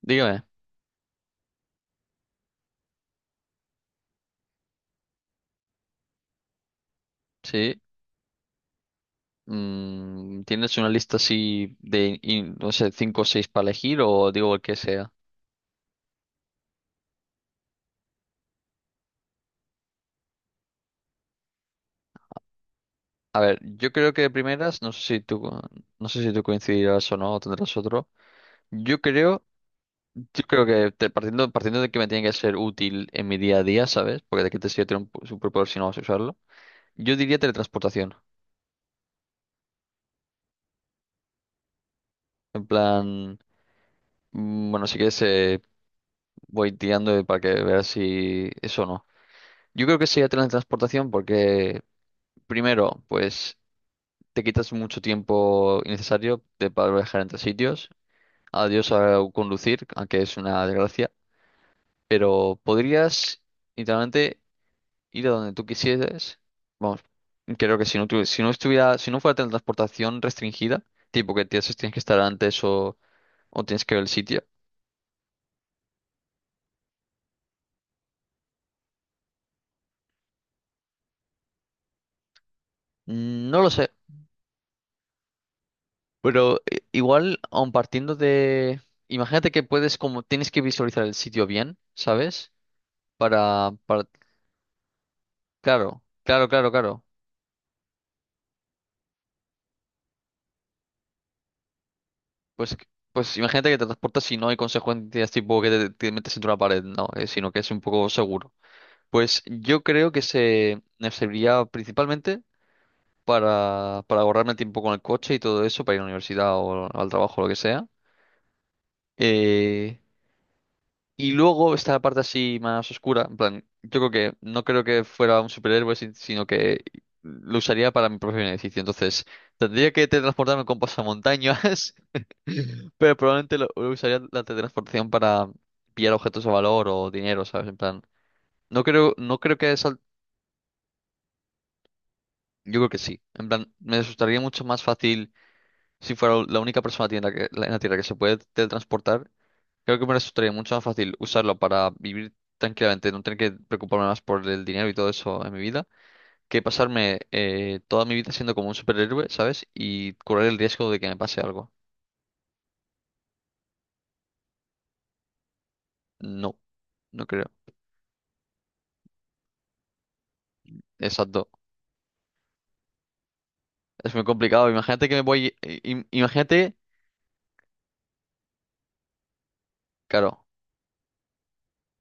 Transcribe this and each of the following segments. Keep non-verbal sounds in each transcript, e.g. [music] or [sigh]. Dígame, sí. ¿Tienes una lista así de, in- no sé, cinco o seis para elegir o digo el que sea? A ver, yo creo que de primeras, no sé si tú, no sé si tú coincidirás o no, o tendrás otro. Yo creo, yo creo que partiendo de que me tiene que ser útil en mi día a día, ¿sabes? Porque de qué te sirve tener un pu- superpoder si no vas a usarlo. Yo diría teletransportación. En plan, bueno, si quieres voy tirando para que veas si eso o no. Yo creo que sería teletransportación porque primero, pues te quitas mucho tiempo innecesario de para viajar entre sitios. Adiós a conducir, aunque es una desgracia. Pero podrías literalmente ir a donde tú quisieras. Vamos, creo que si no, si no fuera transportación restringida, tipo que tienes que estar antes o tienes que ver el sitio. No lo sé. Pero igual, aun partiendo de. Imagínate que puedes, como tienes que visualizar el sitio bien, ¿sabes? Para, para, claro, claro, claro, claro. Pues, pues imagínate que te transportas y no hay consecuencias tipo que te metes entre una pared, no, sino que es un poco seguro. Pues yo creo que se me serviría principalmente para ahorrarme el tiempo con el coche y todo eso, para ir a la universidad o al trabajo o lo que sea. Eh, y luego está la parte así más oscura, en plan, yo creo que no creo que fuera un superhéroe, sino que lo usaría para mi propio beneficio. Entonces, tendría que teletransportarme con pasamontañas, [laughs] pero probablemente lo usaría la teletransportación para pillar objetos de valor o dinero, ¿sabes? En plan, no creo que sal- yo creo que sí. En plan, me resultaría mucho más fácil si fuera la única persona en en la Tierra que se puede teletransportar. Creo que me resultaría mucho más fácil usarlo para vivir tranquilamente, no tener que preocuparme más por el dinero y todo eso en mi vida, que pasarme toda mi vida siendo como un superhéroe, ¿sabes? Y correr el riesgo de que me pase algo. No, no creo. Exacto. Es muy complicado. Imagínate que me voy... Imagínate... Claro,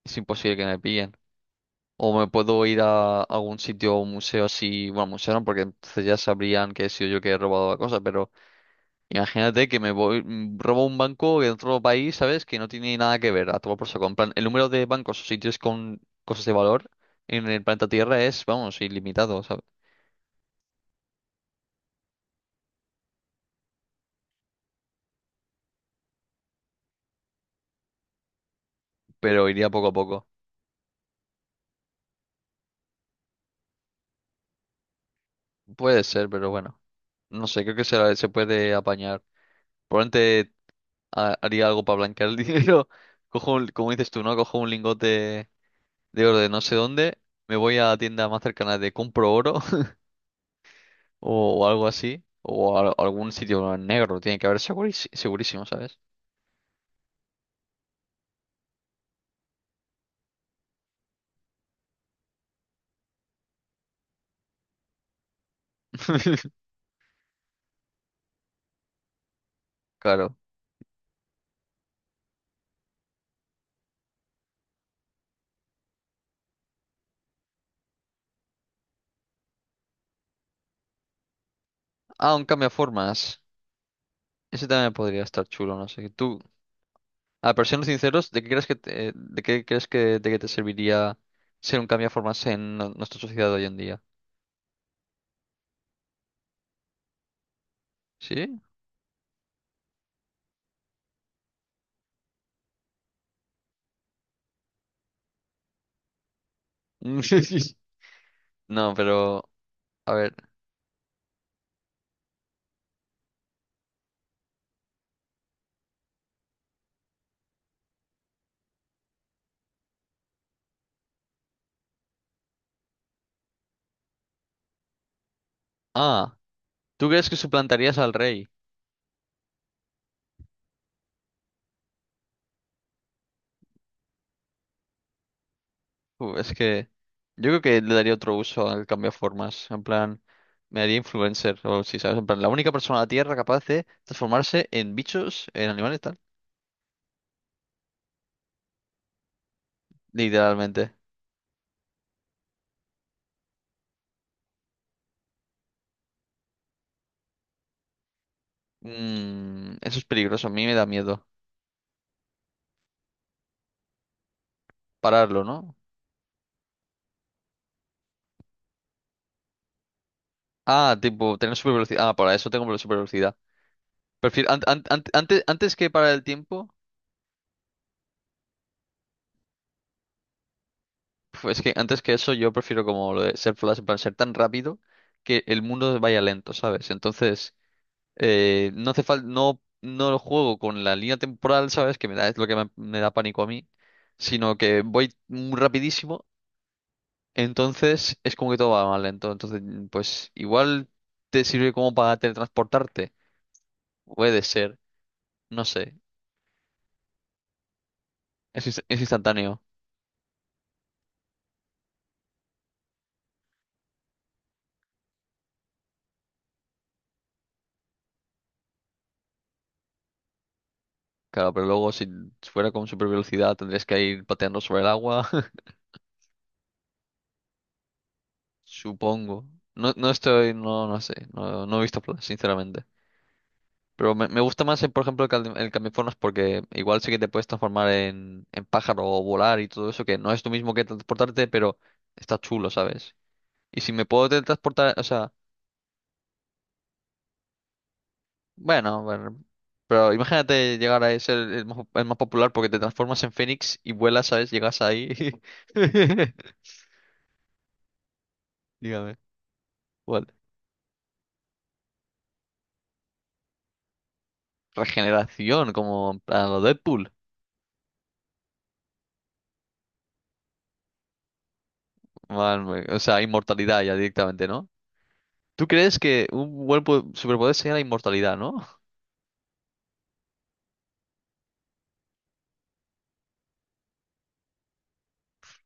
es imposible que me pillen. O me puedo ir a algún sitio, un museo así... Bueno, museo no, porque entonces ya sabrían que he sido yo que he robado la cosa, pero... Imagínate que me voy, robo un banco de otro país, ¿sabes? Que no tiene nada que ver, a todo por saco. En plan, el número de bancos o sitios con cosas de valor en el planeta Tierra es, vamos, ilimitado, ¿sabes? Pero iría poco a poco. Puede ser, pero bueno. No sé, creo que se puede apañar. Probablemente haría algo para blanquear el [laughs] dinero. Cojo un- como dices tú, ¿no? Cojo un lingote de oro de no sé dónde. Me voy a la tienda más cercana de compro oro [laughs] o algo así. O algún sitio negro. Tiene que haber segurísimo, segurísimo, ¿sabes? [laughs] Claro. Ah, un cambiaformas. Ese también podría estar chulo, no sé. Tú, a ver, siendo sinceros, ¿de qué crees que de qué te serviría ser un cambiaformas en no- nuestra sociedad de hoy en día? ¿Sí? [laughs] No, pero, a ver. Ah, ¿tú crees que suplantarías al rey? Es que yo creo que le daría otro uso al formas. En plan, me haría influencer o si ¿sabes? En plan, la única persona en la Tierra capaz de transformarse en bichos, en animales, tal. Literalmente. Eso es peligroso, a mí me da miedo. Pararlo, ¿no? Ah, tipo, tener super velocidad. Ah, para eso tengo la super velocidad. Prefiero, antes que parar el tiempo, pues es que antes que eso yo prefiero como lo de ser Flash, en plan, ser tan rápido que el mundo vaya lento, ¿sabes? Entonces, no hace falta, no lo juego con la línea temporal, ¿sabes? Que me da, es lo que me da pánico a mí, sino que voy muy rapidísimo. Entonces es como que todo va mal lento. Entonces, pues igual te sirve como para teletransportarte. Puede ser, no sé. Es, es instantáneo. Claro, pero luego si fuera con super velocidad tendrías que ir pateando sobre el agua. [laughs] Supongo. No sé. No, no he visto Flash, sinceramente. Pero me gusta más, por ejemplo, el, el cambiaformas porque igual sí que te puedes transformar en pájaro o volar y todo eso, que no es lo mismo que transportarte, pero está chulo, ¿sabes? Y si me puedo teletransportar, o sea. Bueno, bueno, pero imagínate llegar a ser el más popular porque te transformas en Fénix y vuelas, ¿sabes? Llegas ahí. [laughs] Dígame. ¿Cuál? Regeneración, como a lo Deadpool. Man, o sea, inmortalidad ya directamente, ¿no? ¿Tú crees que un buen po- superpoder sería la inmortalidad, no?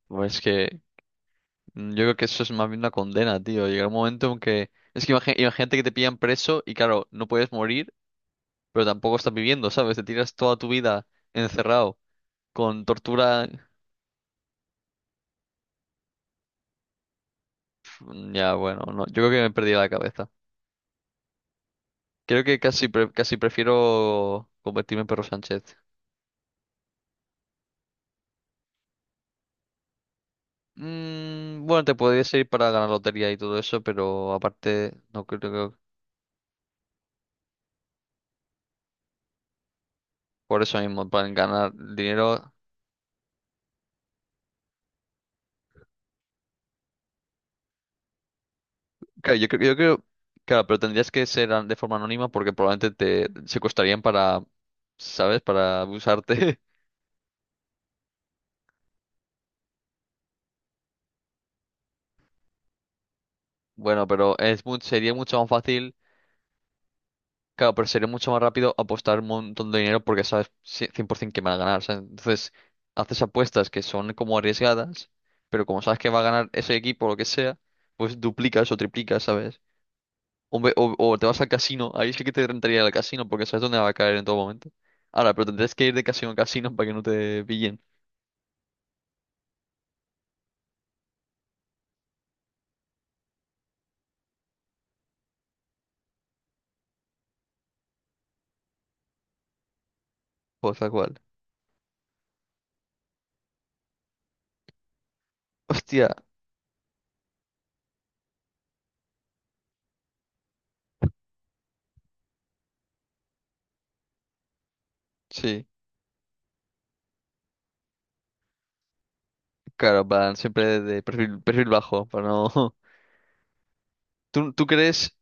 Pues que yo creo que eso es más bien una condena, tío. Llegará un momento en que... Es que imagínate que te pillan preso y claro, no puedes morir, pero tampoco estás viviendo, ¿sabes? Te tiras toda tu vida encerrado con tortura. Ya, bueno, no, yo creo que me he perdido la cabeza. Creo que casi prefiero convertirme en Perro Sánchez. Bueno, te podría ir para ganar lotería y todo eso, pero aparte, no creo que por eso mismo, para ganar dinero. Yo creo, claro, pero tendrías que ser an- de forma anónima porque probablemente te secuestrarían para, ¿sabes? Para abusarte. [laughs] Bueno, pero es mu- sería mucho más fácil. Claro, pero sería mucho más rápido apostar un montón de dinero porque sabes ci- cien por 100% que van a ganar. ¿Sabes? Entonces, haces apuestas que son como arriesgadas, pero como sabes que va a ganar ese equipo o lo que sea, pues duplicas o triplicas, ¿sabes? O, o te vas al casino, ahí sí que te rentaría el casino porque sabes dónde va a caer en todo momento. Ahora, pero tendrías que ir de casino a casino para que no te pillen. Pues tal cual. [laughs] Hostia, sí. Claro, van siempre de perfil, perfil bajo, para no... [laughs] ¿Tú, tú crees...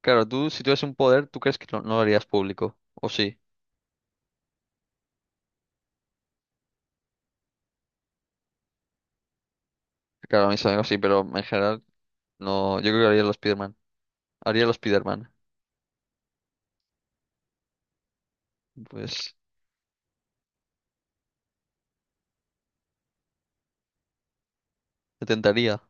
Claro, tú si tuvieras un poder, ¿tú crees que no lo harías público? ¿O sí? Claro, a mis amigos sí, pero en general no. Yo creo que haría los Spiderman. Haría los Spiderman. Pues intentaría.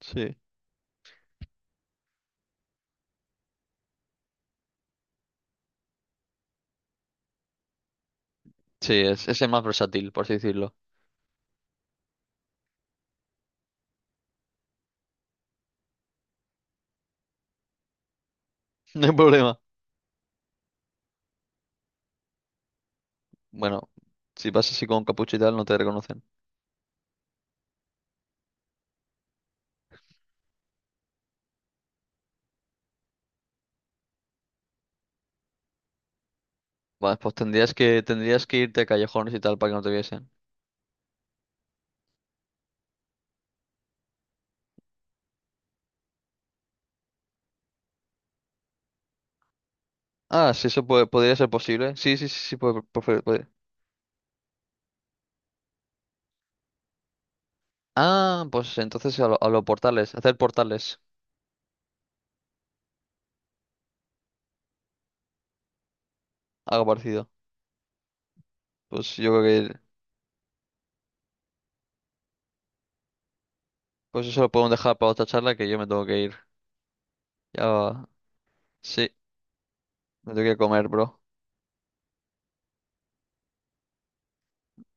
Sí. Sí, es el más versátil, por así decirlo. [laughs] No hay problema. Bueno, si vas así con capucha y tal, no te reconocen. Vale, pues tendrías que irte a callejones y tal para que no te viesen. Ah, sí, eso puede- podría ser posible. Sí, sí, sí, sí, puede, pues, puede- puede. Ah, pues entonces a los portales, hacer portales, algo parecido. Pues yo creo que, pues eso lo podemos dejar para otra charla que yo me tengo que ir. Ya, sí. Me tengo que comer, bro.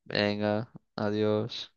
Venga, adiós.